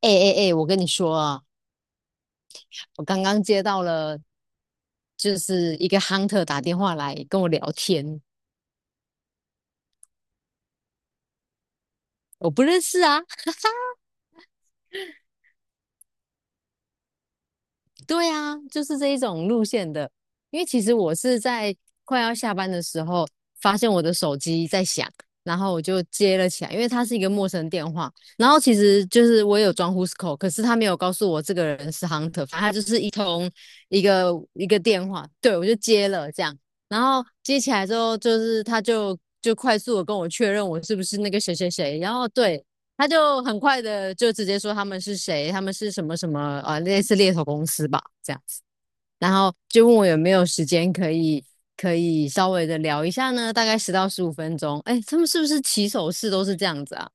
哎哎哎，我跟你说啊，我刚刚接到了，就是一个 hunter 打电话来跟我聊天，我不认识啊，对啊，就是这一种路线的。因为其实我是在快要下班的时候，发现我的手机在响，然后我就接了起来，因为它是一个陌生电话。然后其实就是我也有装 Who's Call，可是他没有告诉我这个人是 Hunter，反正他就是一个一个电话，对我就接了这样。然后接起来之后，就是他就快速的跟我确认我是不是那个谁谁谁，然后对，他就很快的就直接说他们是谁，他们是什么什么啊，类似猎头公司吧这样子，然后就问我有没有时间可以稍微的聊一下呢，大概十到十五分钟。哎，他们是不是起手式都是这样子啊？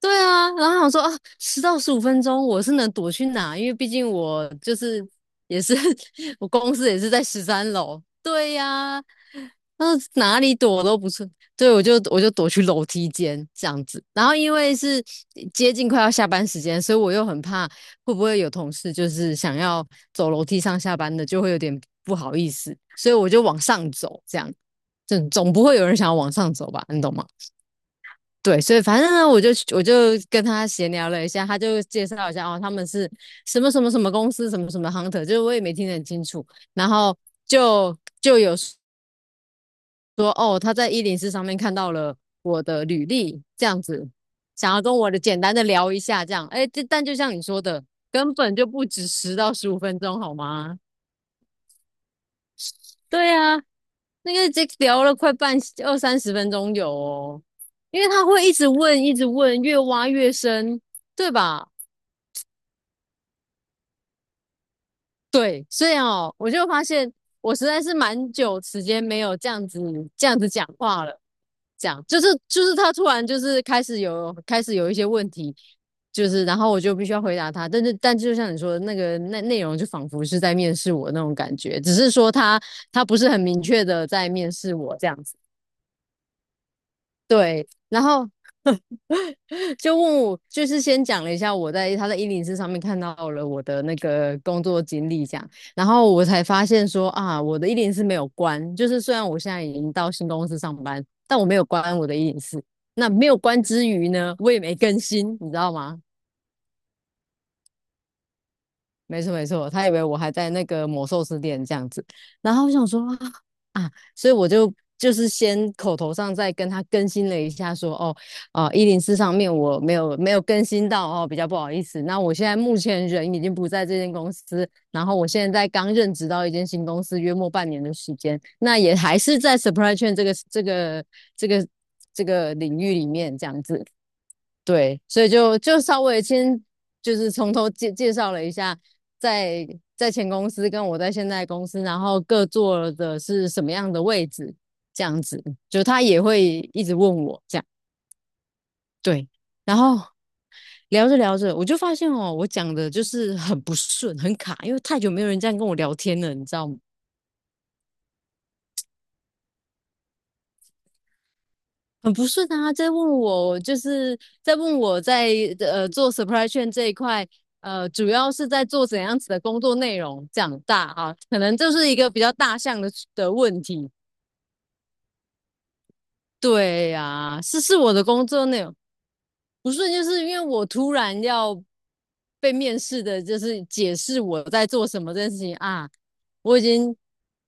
对啊，然后想说啊，十到十五分钟我是能躲去哪？因为毕竟我就是也是 我公司也是在13楼。对呀、那哪里躲都不是，对，我就躲去楼梯间这样子。然后因为是接近快要下班时间，所以我又很怕会不会有同事就是想要走楼梯上下班的，就会有点不好意思，所以我就往上走，这样，这总不会有人想要往上走吧？你懂吗？对，所以反正呢，我就跟他闲聊了一下，他就介绍一下哦，他们是什么什么什么公司，什么什么 hunter，就是我也没听得很清楚。然后就就有。说哦，他在一零四上面看到了我的履历，这样子，想要跟我的简单的聊一下，这样，哎，但就像你说的，根本就不止十到十五分钟，好吗？对啊，那个这聊了二三十分钟有哦，因为他会一直问，一直问，越挖越深，对吧？对，所以哦，我就发现我实在是蛮久时间没有这样子讲话了，就是他突然就是开始有一些问题，就是然后我就必须要回答他，但就像你说的那内容就仿佛是在面试我那种感觉，只是说他不是很明确的在面试我这样子，对，然后 就问我，就是先讲了一下他在一零四上面看到了我的那个工作经历，这样，然后我才发现说啊，我的一零四没有关，就是虽然我现在已经到新公司上班，但我没有关我的一零四。那没有关之余呢，我也没更新，你知道吗？没错没错，他以为我还在那个某寿司店这样子，然后我想说所以我就就是先口头上再跟他更新了一下说，一零四上面我没有更新到哦，比较不好意思。那我现在目前人已经不在这间公司，然后我现在刚任职到一间新公司，约莫半年的时间，那也还是在 s u p p r y s h a i n 这个这个领域里面这样子。对，所以就稍微先就是从头介绍了一下，在在前公司跟我在现在公司，然后各做的是什么样的位置，这样子，就他也会一直问我这样，对，然后聊着聊着，我就发现哦，我讲的就是很不顺，很卡，因为太久没有人这样跟我聊天了，你知道吗？很不顺啊，在问我在做 s u p p r y s h a i n 这一块，主要是在做怎样子的工作内容，长大啊，可能就是一个比较大项的问题。对呀、啊是是我的工作内容不顺，就是因为我突然要被面试的，就是解释我在做什么这件事情啊，我已经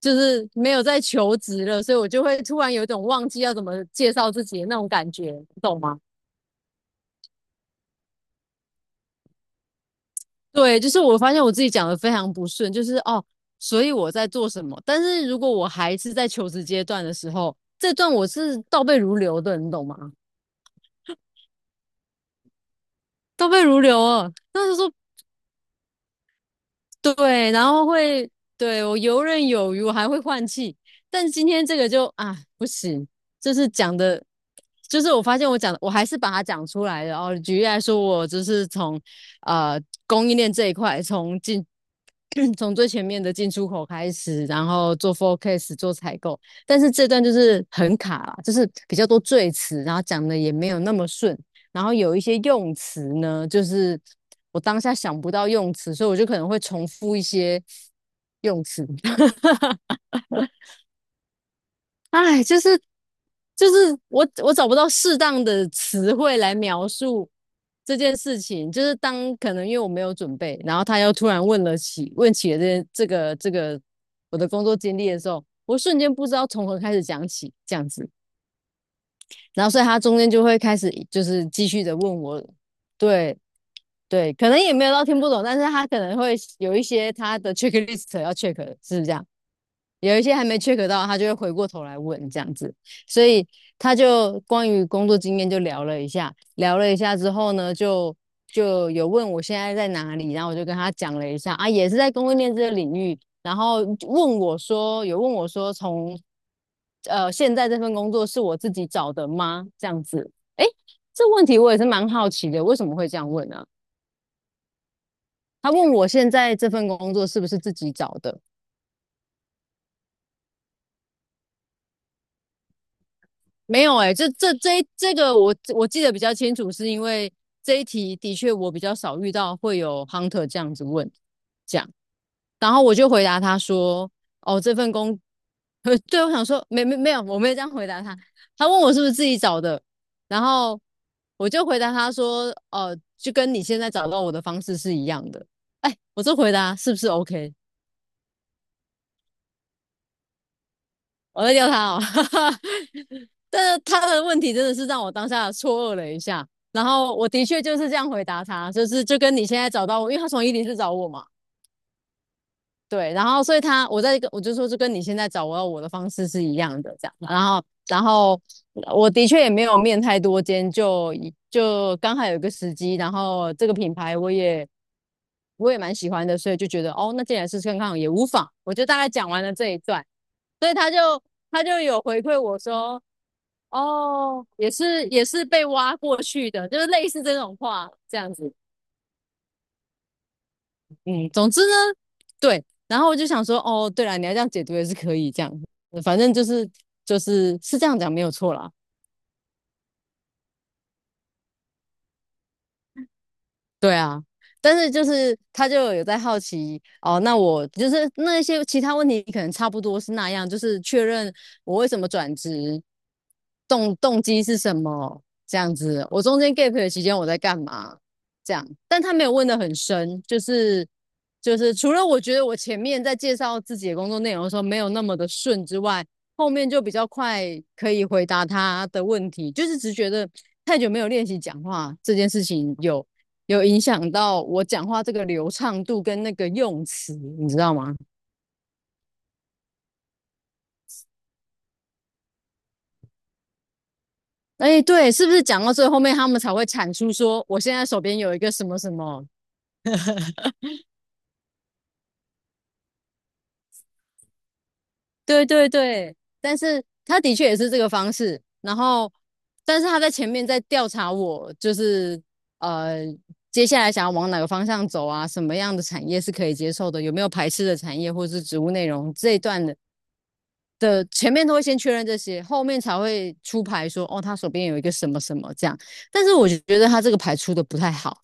就是没有在求职了，所以我就会突然有一种忘记要怎么介绍自己的那种感觉，你懂吗？对，就是我发现我自己讲的非常不顺，就是哦，所以我在做什么？但是如果我还是在求职阶段的时候，这段我是倒背如流的，你懂吗？倒背如流啊，那就说对，然后会，对，我游刃有余，我还会换气。但今天这个就不行，就是讲的，就是我发现我讲的，我还是把它讲出来的。哦，举例来说，我就是从呃供应链这一块，从最前面的进出口开始，然后做 forecast 做采购，但是这段就是很卡啦就是比较多赘词，然后讲的也没有那么顺。然后有一些用词呢，就是我当下想不到用词，所以我就可能会重复一些用词。哎，就是我找不到适当的词汇来描述这件事情，就是当可能因为我没有准备，然后他又突然问起了这个我的工作经历的时候，我瞬间不知道从何开始讲起这样子，然后所以他中间就会开始就是继续的问我，对，对，可能也没有到听不懂，但是他可能会有一些他的 checklist 要 check，的是不是这样？有一些还没 check 到，他就会回过头来问这样子，所以他就关于工作经验就聊了一下，聊了一下之后呢，就有问我现在在哪里，然后我就跟他讲了一下啊，也是在供应链这个领域，然后问我说，从现在这份工作是我自己找的吗？这样子，诶，这问题我也是蛮好奇的，为什么会这样问呢、啊他问我现在这份工作是不是自己找的？没有哎、欸这个我记得比较清楚，是因为这一题的确我比较少遇到会有 hunter 这样子问，这样，然后我就回答他说，哦，这份工，对，我想说没有，我没有这样回答他，他问我是不是自己找的，然后我就回答他说，就跟你现在找到我的方式是一样的，哎，我这回答是不是 OK？我在叫他哦，但是他的问题真的是让我当下错愕了一下。然后我的确就是这样回答他，就是就跟你现在找到我，因为他从伊犁市找我嘛，对，然后所以他我在跟我就说是跟你现在找我要我的方式是一样的这样，然后然后我的确也没有面太多间，就刚好有一个时机，然后这个品牌我也蛮喜欢的，所以就觉得哦，那既然是试看看也无妨，我就大概讲完了这一段，所以他就有回馈我说。哦，也是被挖过去的，就是类似这种话这样子。嗯，总之呢，对，然后我就想说，哦，对了，你要这样解读也是可以，这样，反正就是是这样讲没有错啦。对啊，但是就是他就有在好奇哦，那我就是那一些其他问题可能差不多是那样，就是确认我为什么转职，动机是什么这样子，我中间 gap 的期间我在干嘛这样，但他没有问的很深，就是除了我觉得我前面在介绍自己的工作内容的时候没有那么的顺之外，后面就比较快可以回答他的问题，就是只觉得太久没有练习讲话这件事情有。有影响到我讲话这个流畅度跟那个用词，你知道吗？哎，对，是不是讲到最后面他们才会产出说我现在手边有一个什么什么？对对对，但是他的确也是这个方式，然后但是他在前面在调查我，就是呃接下来想要往哪个方向走啊，什么样的产业是可以接受的，有没有排斥的产业或是植物内容这一段的前面都会先确认这些，后面才会出牌说哦，他手边有一个什么什么这样。但是我觉得他这个牌出的不太好，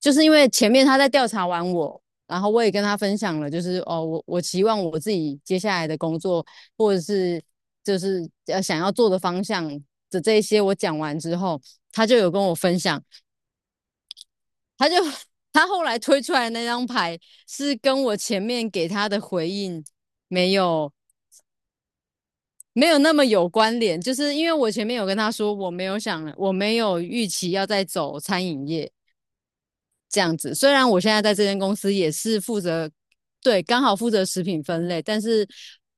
就是因为前面他在调查完我，然后我也跟他分享了，就是哦，我期望我自己接下来的工作或者是就是想要做的方向的这一些，我讲完之后，他就有跟我分享，他就他后来推出来的那张牌是跟我前面给他的回应没有没有那么有关联，就是因为我前面有跟他说，我没有想，我没有预期要再走餐饮业这样子。虽然我现在在这间公司也是负责，对，刚好负责食品分类，但是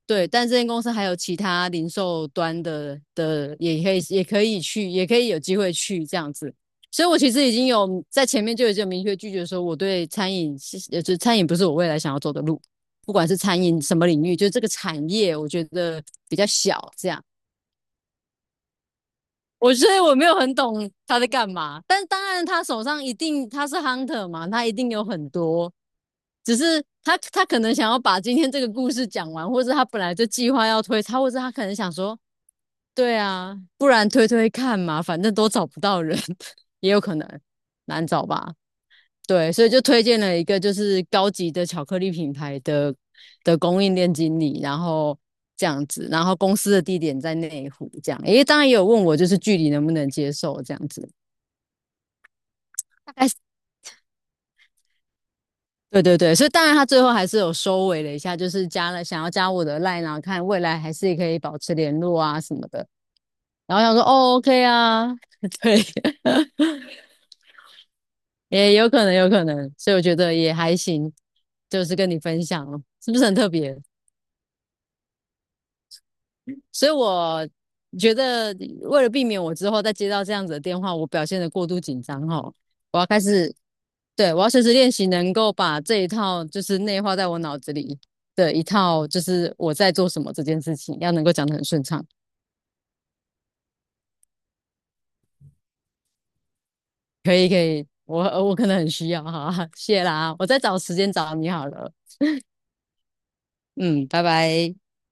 对，但这间公司还有其他零售端的，也可以去，也可以有机会去这样子。所以我其实已经有在前面就已经有明确拒绝说，我对餐饮就是餐饮不是我未来想要走的路，不管是餐饮什么领域，就是这个产业，我觉得比较小这样。我所以我没有很懂他在干嘛，但当然他手上一定他是 hunter 嘛，他一定有很多，只是他可能想要把今天这个故事讲完，或者他本来就计划要推他，或者他可能想说，对啊，不然推推看嘛，反正都找不到人，也有可能难找吧。对，所以就推荐了一个就是高级的巧克力品牌的供应链经理，然后这样子，然后公司的地点在内湖这样，因为当然也有问我就是距离能不能接受这样子，大概是对对对，所以当然他最后还是有收尾了一下，就是加了想要加我的 line 啊，看未来还是可以保持联络啊什么的，然后想说哦 OK 啊，对，也有可能有可能，所以我觉得也还行，就是跟你分享了，是不是很特别？所以我觉得为了避免我之后再接到这样子的电话，我表现的过度紧张哈，我要开始，对，我要随时练习能够把这一套就是内化在我脑子里的一套，就是我在做什么这件事情，要能够讲的很顺畅。可以可以，我可能很需要哈，谢啦，我再找时间找你好了，嗯，拜拜。